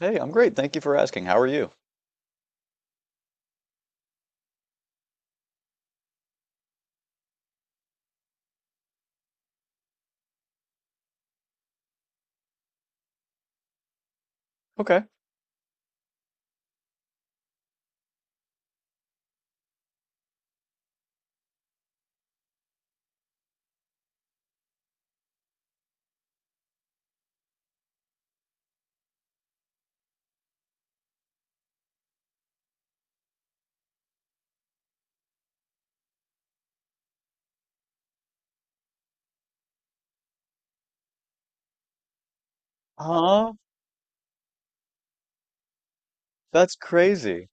Hey, I'm great. Thank you for asking. How are you? Okay. Aw, that's crazy.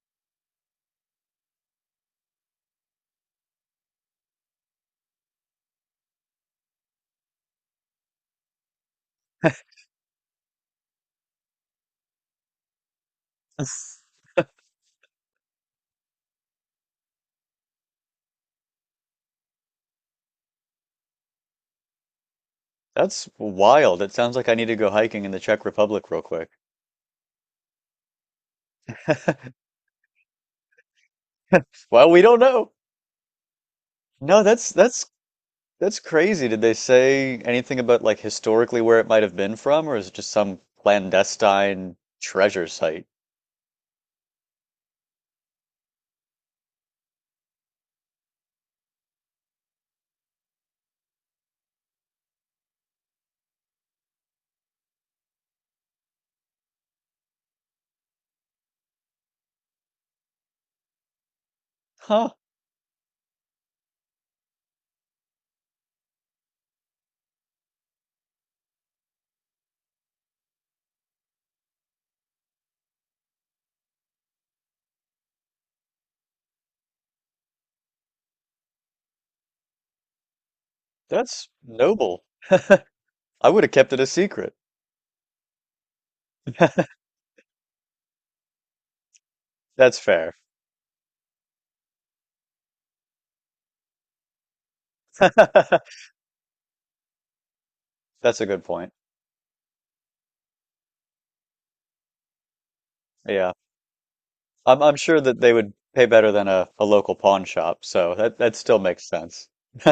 That's wild. It sounds like I need to go hiking in the Czech Republic real quick. Well, we don't know. No, that's crazy. Did they say anything about like historically where it might have been from, or is it just some clandestine treasure site? Huh, that's noble. I would have kept it a secret. That's fair. That's a good point. Yeah. I'm sure that they would pay better than a local pawn shop, so that still makes sense.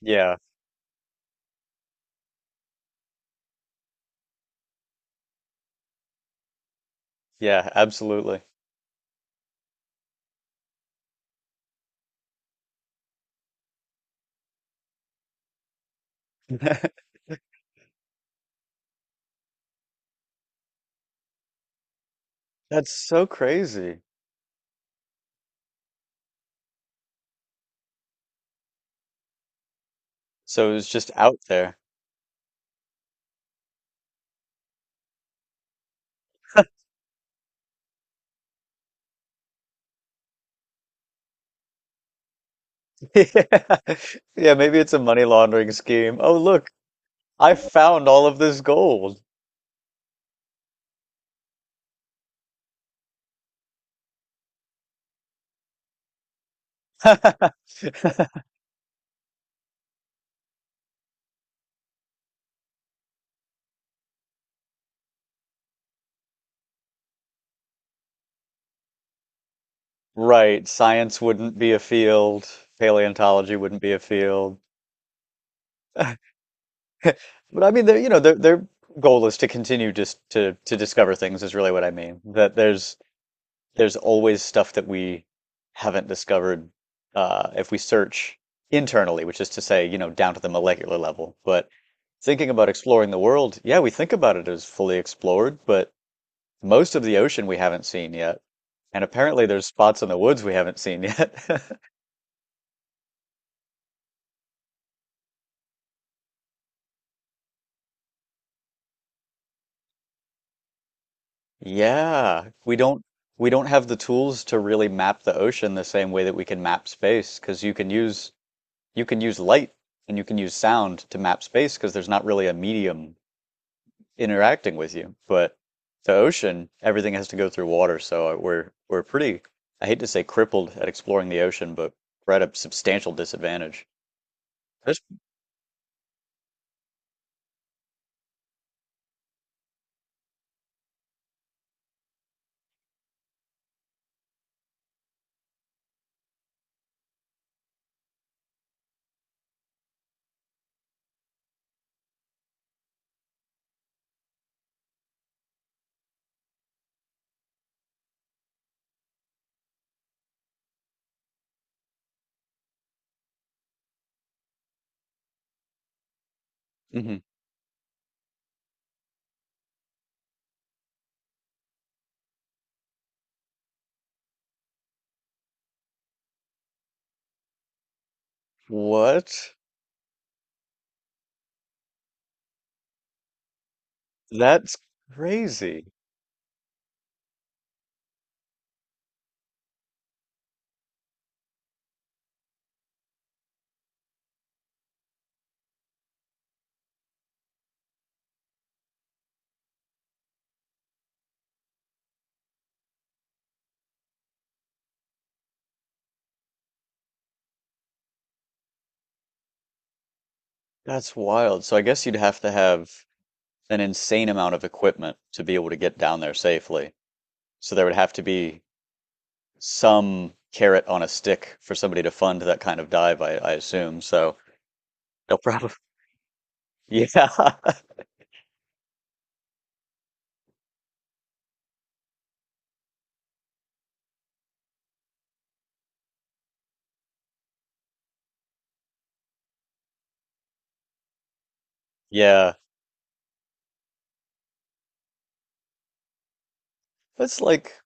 Yeah, yeah, absolutely. That's so crazy. So it was just out there. Yeah. Yeah, maybe it's a money laundering scheme. Oh, look, I found all of this gold. Right, science wouldn't be a field, paleontology wouldn't be a field. But I mean, their you know, their goal is to continue just to discover things is really what I mean. That there's always stuff that we haven't discovered if we search internally, which is to say, down to the molecular level. But thinking about exploring the world, yeah, we think about it as fully explored, but most of the ocean we haven't seen yet. And apparently there's spots in the woods we haven't seen yet. Yeah, we don't have the tools to really map the ocean the same way that we can map space, because you can use light and you can use sound to map space because there's not really a medium interacting with you. But the ocean, everything has to go through water, so we're pretty, I hate to say crippled at exploring the ocean, but we're at a substantial disadvantage. That's, mhm. What? That's crazy. That's wild. So I guess you'd have to have an insane amount of equipment to be able to get down there safely. So there would have to be some carrot on a stick for somebody to fund that kind of dive, I assume. So they'll probably, yeah, yeah. That's like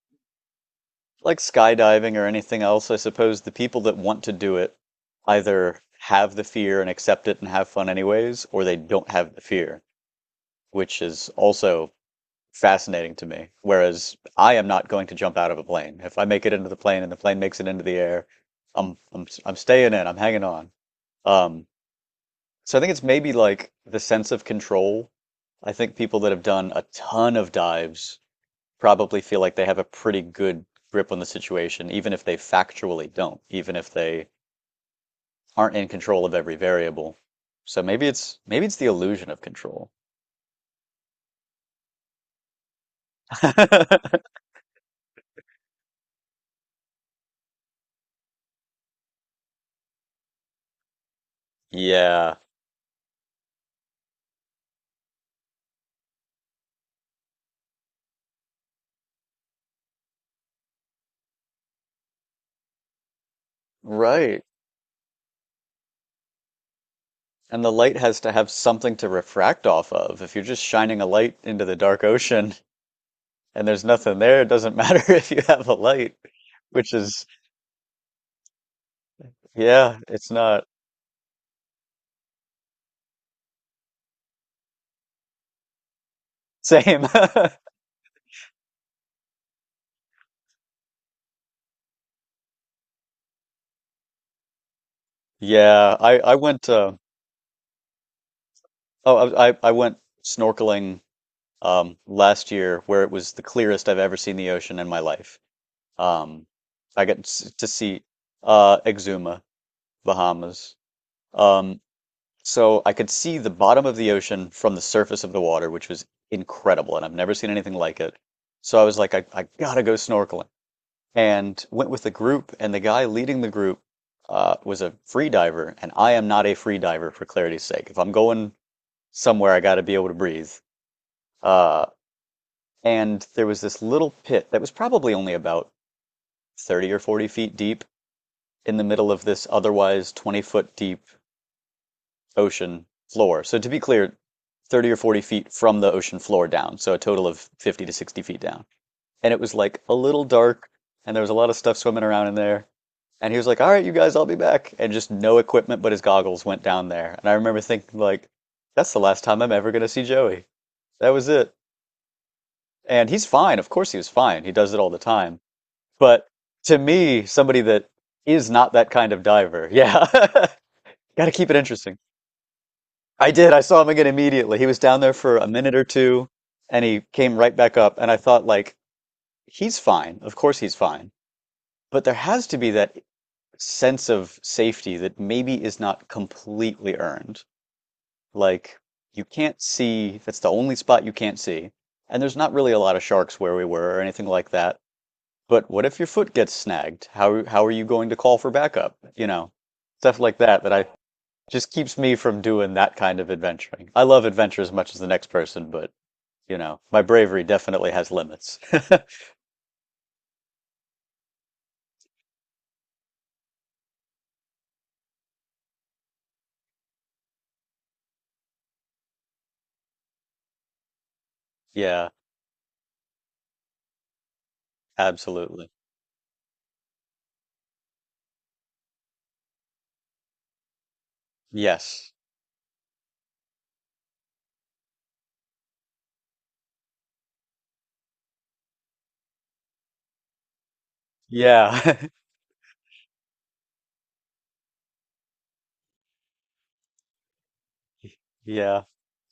like skydiving or anything else, I suppose the people that want to do it either have the fear and accept it and have fun anyways, or they don't have the fear, which is also fascinating to me. Whereas I am not going to jump out of a plane. If I make it into the plane and the plane makes it into the air, I'm staying in, I'm hanging on. Um, so I think it's maybe like the sense of control. I think people that have done a ton of dives probably feel like they have a pretty good grip on the situation, even if they factually don't, even if they aren't in control of every variable. So maybe it's the illusion of control. Yeah, right. And the light has to have something to refract off of. If you're just shining a light into the dark ocean and there's nothing there, it doesn't matter if you have a light, which is, yeah, it's not same. Yeah, I went uh oh I went snorkeling last year where it was the clearest I've ever seen the ocean in my life. Um, I got to see Exuma, Bahamas. Um, so I could see the bottom of the ocean from the surface of the water, which was incredible, and I've never seen anything like it. So I was like, I gotta go snorkeling, and went with a group, and the guy leading the group was a free diver, and I am not a free diver for clarity's sake. If I'm going somewhere, I gotta be able to breathe. Uh, And there was this little pit that was probably only about 30 or 40 feet deep in the middle of this otherwise 20-foot deep ocean floor. So to be clear, 30 or 40 feet from the ocean floor down. So a total of 50 to 60 feet down. And it was like a little dark and there was a lot of stuff swimming around in there. And he was like, all right, you guys, I'll be back. And just no equipment but his goggles went down there. And I remember thinking, like, that's the last time I'm ever going to see Joey. That was it. And he's fine. Of course he was fine. He does it all the time. But to me, somebody that is not that kind of diver, yeah, got to keep it interesting. I did. I saw him again immediately. He was down there for a minute or two and he came right back up. And I thought, like, he's fine. Of course he's fine. But there has to be that sense of safety that maybe is not completely earned. Like, you can't see, that's the only spot you can't see. And there's not really a lot of sharks where we were or anything like that. But what if your foot gets snagged? How are you going to call for backup? You know, stuff like that I just keeps me from doing that kind of adventuring. I love adventure as much as the next person, but you know, my bravery definitely has limits. Yeah, absolutely. Yes. Yeah. Yeah.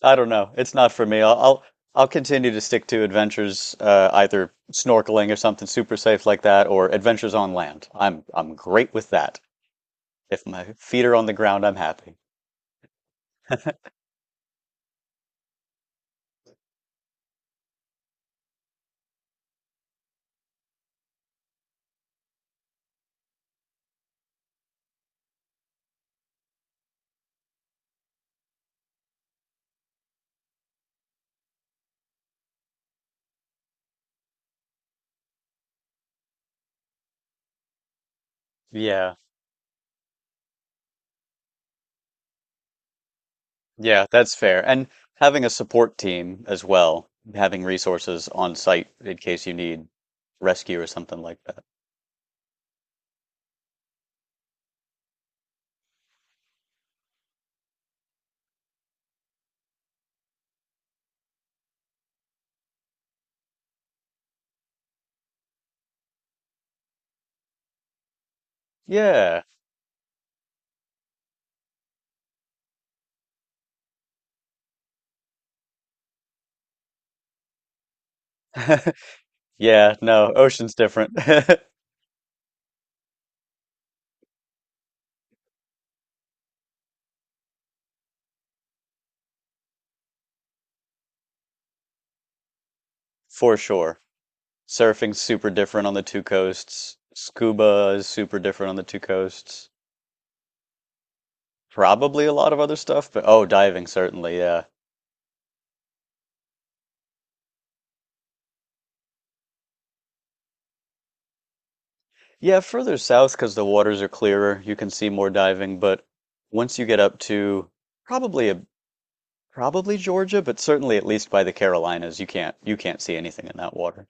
I don't know. It's not for me. I'll continue to stick to adventures, either snorkeling or something super safe like that, or adventures on land. I'm great with that. If my feet are on the ground, I'm happy. Yeah, yeah, that's fair. And having a support team as well, having resources on site in case you need rescue or something like that. Yeah. Yeah, no, ocean's different. For sure. Surfing's super different on the two coasts. Scuba is super different on the two coasts. Probably a lot of other stuff, but oh, diving certainly, yeah. Yeah, further south because the waters are clearer, you can see more diving, but once you get up to probably a probably Georgia, but certainly at least by the Carolinas, you can't see anything in that water.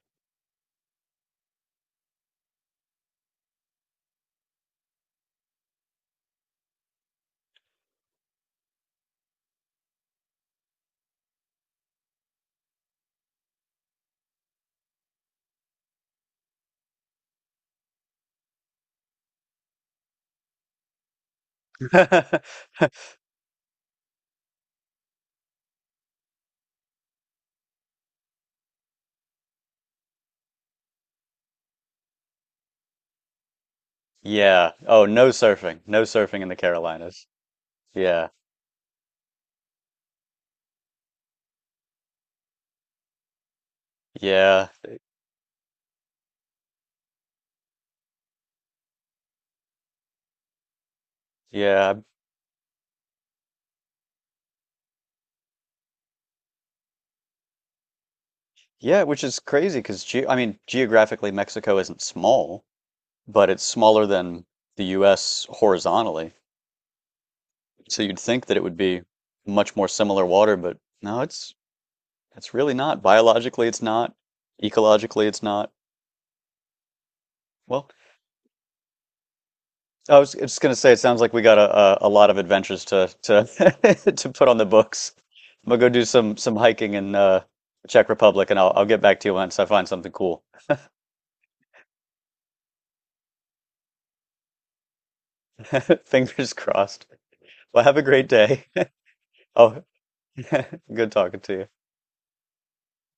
Yeah. Oh, no surfing. No surfing in the Carolinas. Yeah. Yeah. Yeah. Yeah, which is crazy because ge I mean, geographically Mexico isn't small, but it's smaller than the US horizontally. So you'd think that it would be much more similar water, but no, it's really not. Biologically, it's not. Ecologically, it's not. Well, I was just going to say, it sounds like we got a lot of adventures to to put on the books. I'm gonna go do some hiking in Czech Republic, and I'll get back to you once I find something cool. Fingers crossed. Well, have a great day. Oh, good talking to you.